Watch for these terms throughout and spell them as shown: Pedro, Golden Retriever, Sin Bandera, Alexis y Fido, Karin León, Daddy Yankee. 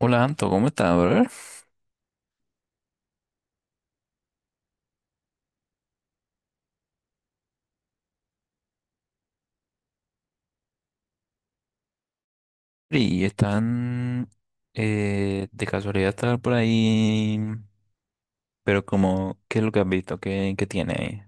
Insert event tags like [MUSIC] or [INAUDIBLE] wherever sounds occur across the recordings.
Hola Anto, ¿cómo estás, brother? Y están de casualidad estar por ahí, pero como, ¿qué es lo que has visto? ¿Qué tiene ahí?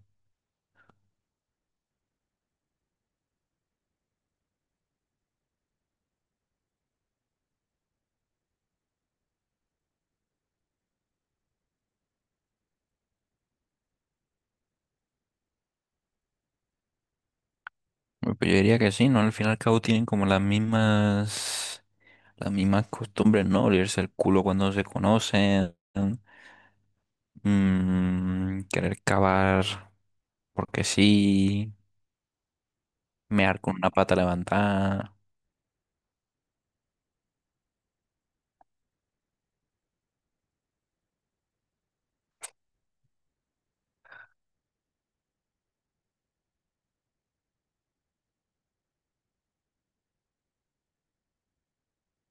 Bueno, pues yo diría que sí, ¿no? Al fin y al cabo tienen como las mismas costumbres, ¿no? Olirse el culo cuando se conocen, querer cavar porque sí, mear con una pata levantada,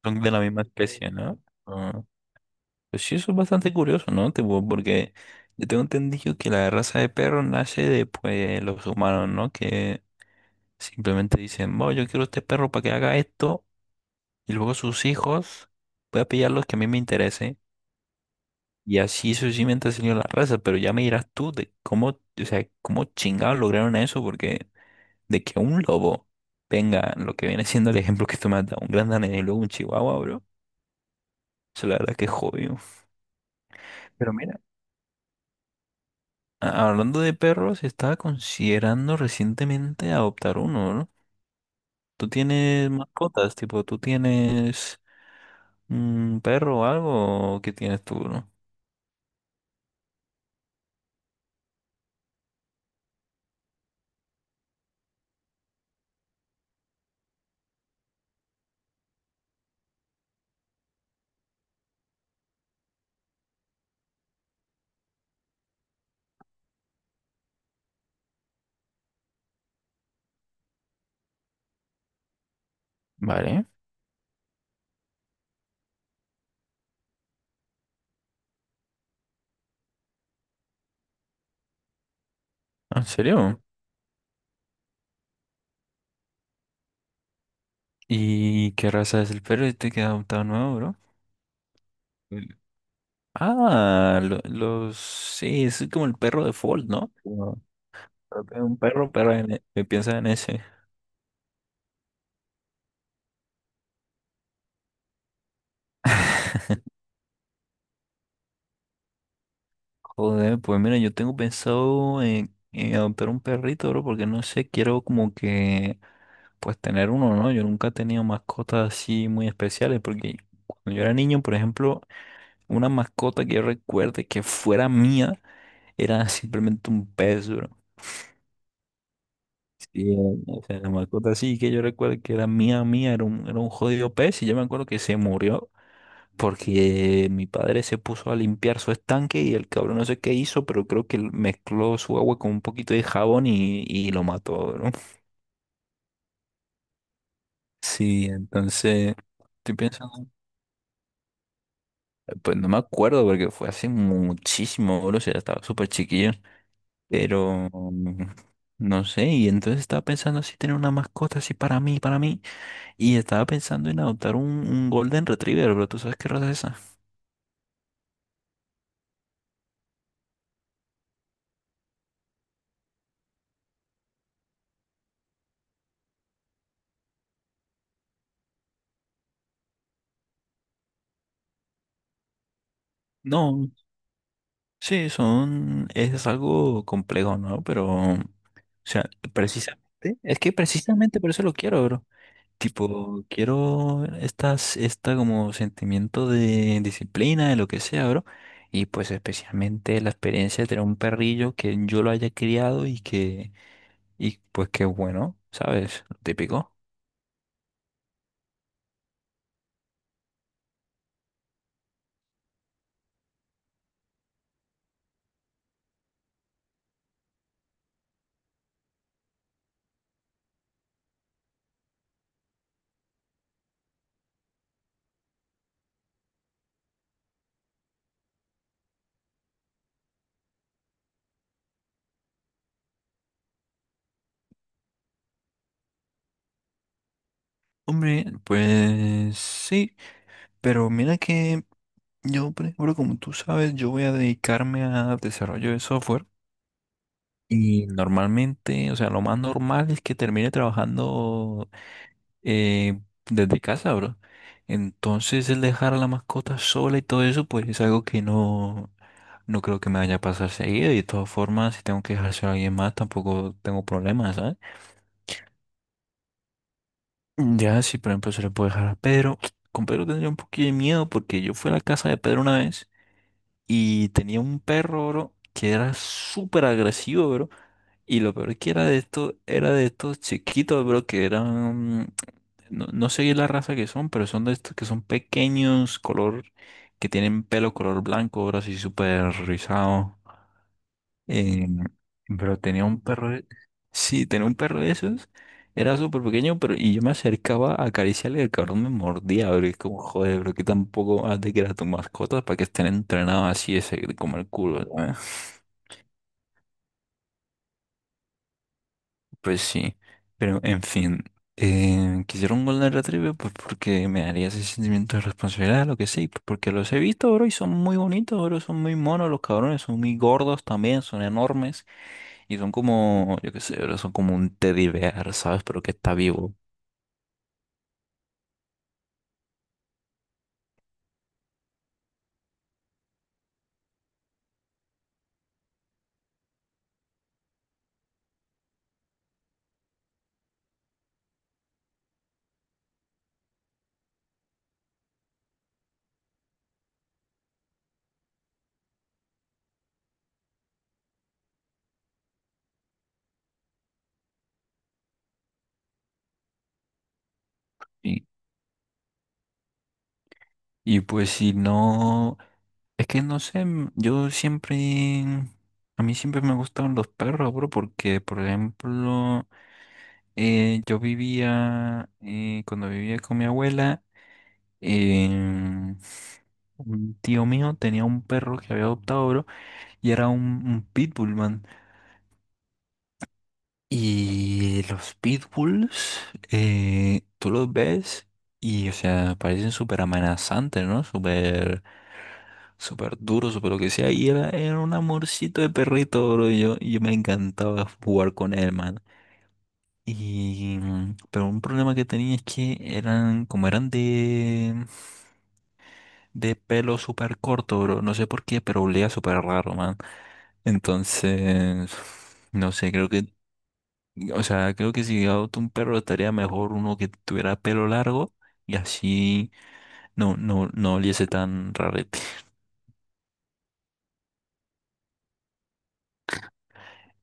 son de la misma especie, ¿no? Ah. Pues sí, eso es bastante curioso, ¿no? Tipo, porque yo tengo entendido que la raza de perro nace de pues, los humanos, ¿no? Que simplemente dicen, bueno, yo quiero este perro para que haga esto, y luego sus hijos, voy a pillar los que a mí me interese, y así sucesivamente ha salido la raza, pero ya me dirás tú de cómo, o sea, cómo chingados lograron eso, porque de que un lobo venga, lo que viene siendo el ejemplo que tú me has dado, un gran danés y luego un chihuahua, bro, eso la verdad que es jodido. Pero mira. Hablando de perros, estaba considerando recientemente adoptar uno, ¿no? ¿Tú tienes mascotas? Tipo, ¿tú tienes un perro o algo? ¿O qué tienes tú, no? Vale, ¿en serio? ¿Y qué raza es el perro este que has adoptado nuevo, bro? El- Ah, los... Sí, es como el perro de Fold, ¿no? Como creo que es un perro, pero me piensa en ese. Joder, pues mira, yo tengo pensado en adoptar un perrito, bro, porque no sé, quiero como que pues tener uno, ¿no? Yo nunca he tenido mascotas así muy especiales porque cuando yo era niño, por ejemplo, una mascota que yo recuerde que fuera mía era [LAUGHS] simplemente un pez, bro. Sí, o sea, la mascota así que yo recuerdo que era mía, era era un jodido pez y yo me acuerdo que se murió porque mi padre se puso a limpiar su estanque y el cabrón no sé qué hizo, pero creo que mezcló su agua con un poquito de jabón y lo mató, bro. [LAUGHS] Sí, entonces estoy pensando. Pues no me acuerdo porque fue hace muchísimo, bro, o sea, estaba súper chiquillo. Pero no sé, y entonces estaba pensando así tener una mascota así para mí, para mí. Y estaba pensando en adoptar un Golden Retriever, pero ¿tú sabes qué raza es esa? No, sí, son, es algo complejo, ¿no? Pero, o sea, precisamente, es que precisamente por eso lo quiero, bro. Tipo, quiero estas, esta como sentimiento de disciplina, de lo que sea, bro. Y pues especialmente la experiencia de tener un perrillo que yo lo haya criado y que, y pues que bueno, ¿sabes? Lo típico. Hombre, pues sí, pero mira que yo, por ejemplo, como tú sabes, yo voy a dedicarme a desarrollo de software. Y normalmente, o sea, lo más normal es que termine trabajando eh, desde casa, bro. Entonces el dejar a la mascota sola y todo eso, pues es algo que no creo que me vaya a pasar seguido. Y de todas formas, si tengo que dejárselo a alguien más, tampoco tengo problemas, ¿sabes? Ya, si por ejemplo se le puede dejar a Pedro, con Pedro tendría un poquito de miedo porque yo fui a la casa de Pedro una vez y tenía un perro, bro, que era súper agresivo, bro. Y lo peor que era de esto, era de estos chiquitos, bro, que eran, no sé bien la raza que son, pero son de estos que son pequeños, color, que tienen pelo color blanco, bro, así súper rizado. Eh, pero tenía un perro, sí, tenía un perro de esos, era súper pequeño, pero y yo me acercaba a acariciarle y el cabrón me mordía, bro, y es como, joder, bro, que tampoco has de que era tu mascota para que estén entrenados así, ese, como el culo. Pues sí, pero en fin, quisiera un Golden Retriever pues porque me daría ese sentimiento de responsabilidad, lo que sí, pues, porque los he visto, bro, y son muy bonitos, bro, son muy monos los cabrones, son muy gordos también, son enormes y son como, yo qué sé, bro, son como un teddy bear, ¿sabes? Pero que está vivo. Y, y pues si no, es que no sé, yo siempre, a mí siempre me gustaron los perros, bro, porque, por ejemplo, yo vivía, cuando vivía con mi abuela, Eh, un tío mío tenía un perro que había adoptado, bro, y era un, un pitbull, man. Y los pitbulls, tú los ves y, o sea, parecen súper amenazantes, ¿no? Súper duros, súper lo que sea. Y era un amorcito de perrito, bro. Y yo me encantaba jugar con él, man. Y, pero un problema que tenía es que eran, como eran de pelo súper corto, bro. No sé por qué, pero olía súper raro, man. Entonces, no sé, creo que, o sea, creo que si adopto un perro estaría mejor uno que tuviera pelo largo y así no oliese tan rarete.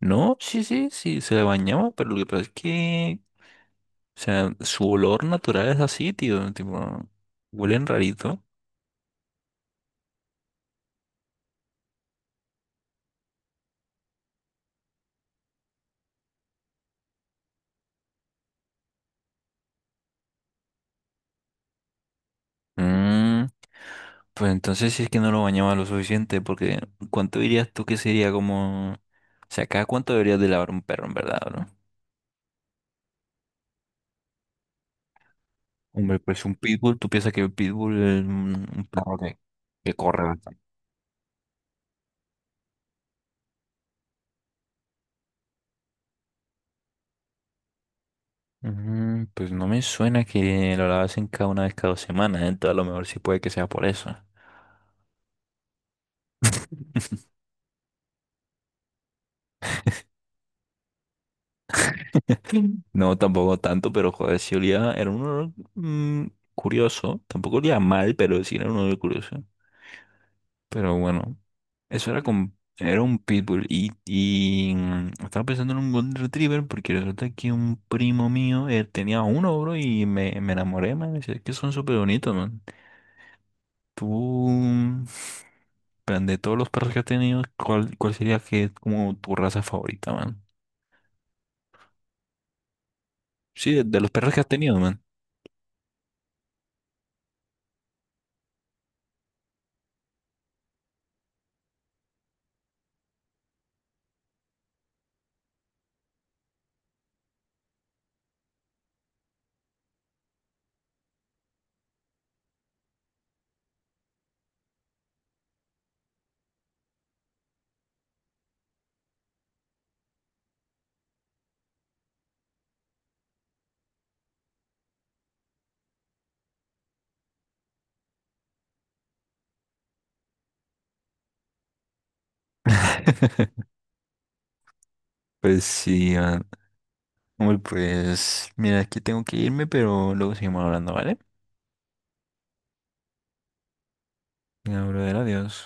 No, sí, sí, sí, se bañaba, pero lo que pasa es que, o sea, su olor natural es así, tío, tipo, huelen rarito. Mm, pues entonces sí es que no lo bañaba lo suficiente, porque ¿cuánto dirías tú que sería como... O sea, ¿cada cuánto deberías de lavar un perro, en verdad, bro? Hombre, pues un pitbull, ¿tú piensas que el pitbull es un perro que corre bastante? Mm, pues no me suena que lo lavasen cada una vez cada dos semanas, ¿eh? Entonces a lo mejor sí puede que sea por eso. [LAUGHS] Mm. No, tampoco tanto, pero joder, sí olía, era un olor curioso. Tampoco olía mal, pero sí era un olor curioso. Pero bueno, eso era con, era un pitbull y estaba pensando en un golden retriever porque resulta que un primo mío tenía uno, bro, me enamoré, man. Es que son súper bonitos, man. Tú, plan, de todos los perros que has tenido, ¿cuál sería que es como tu raza favorita, man? Sí, de los perros que has tenido, man. [LAUGHS] Pues sí, man. Hombre, pues mira, aquí tengo que irme, pero luego seguimos hablando, ¿vale? Venga, brother, adiós.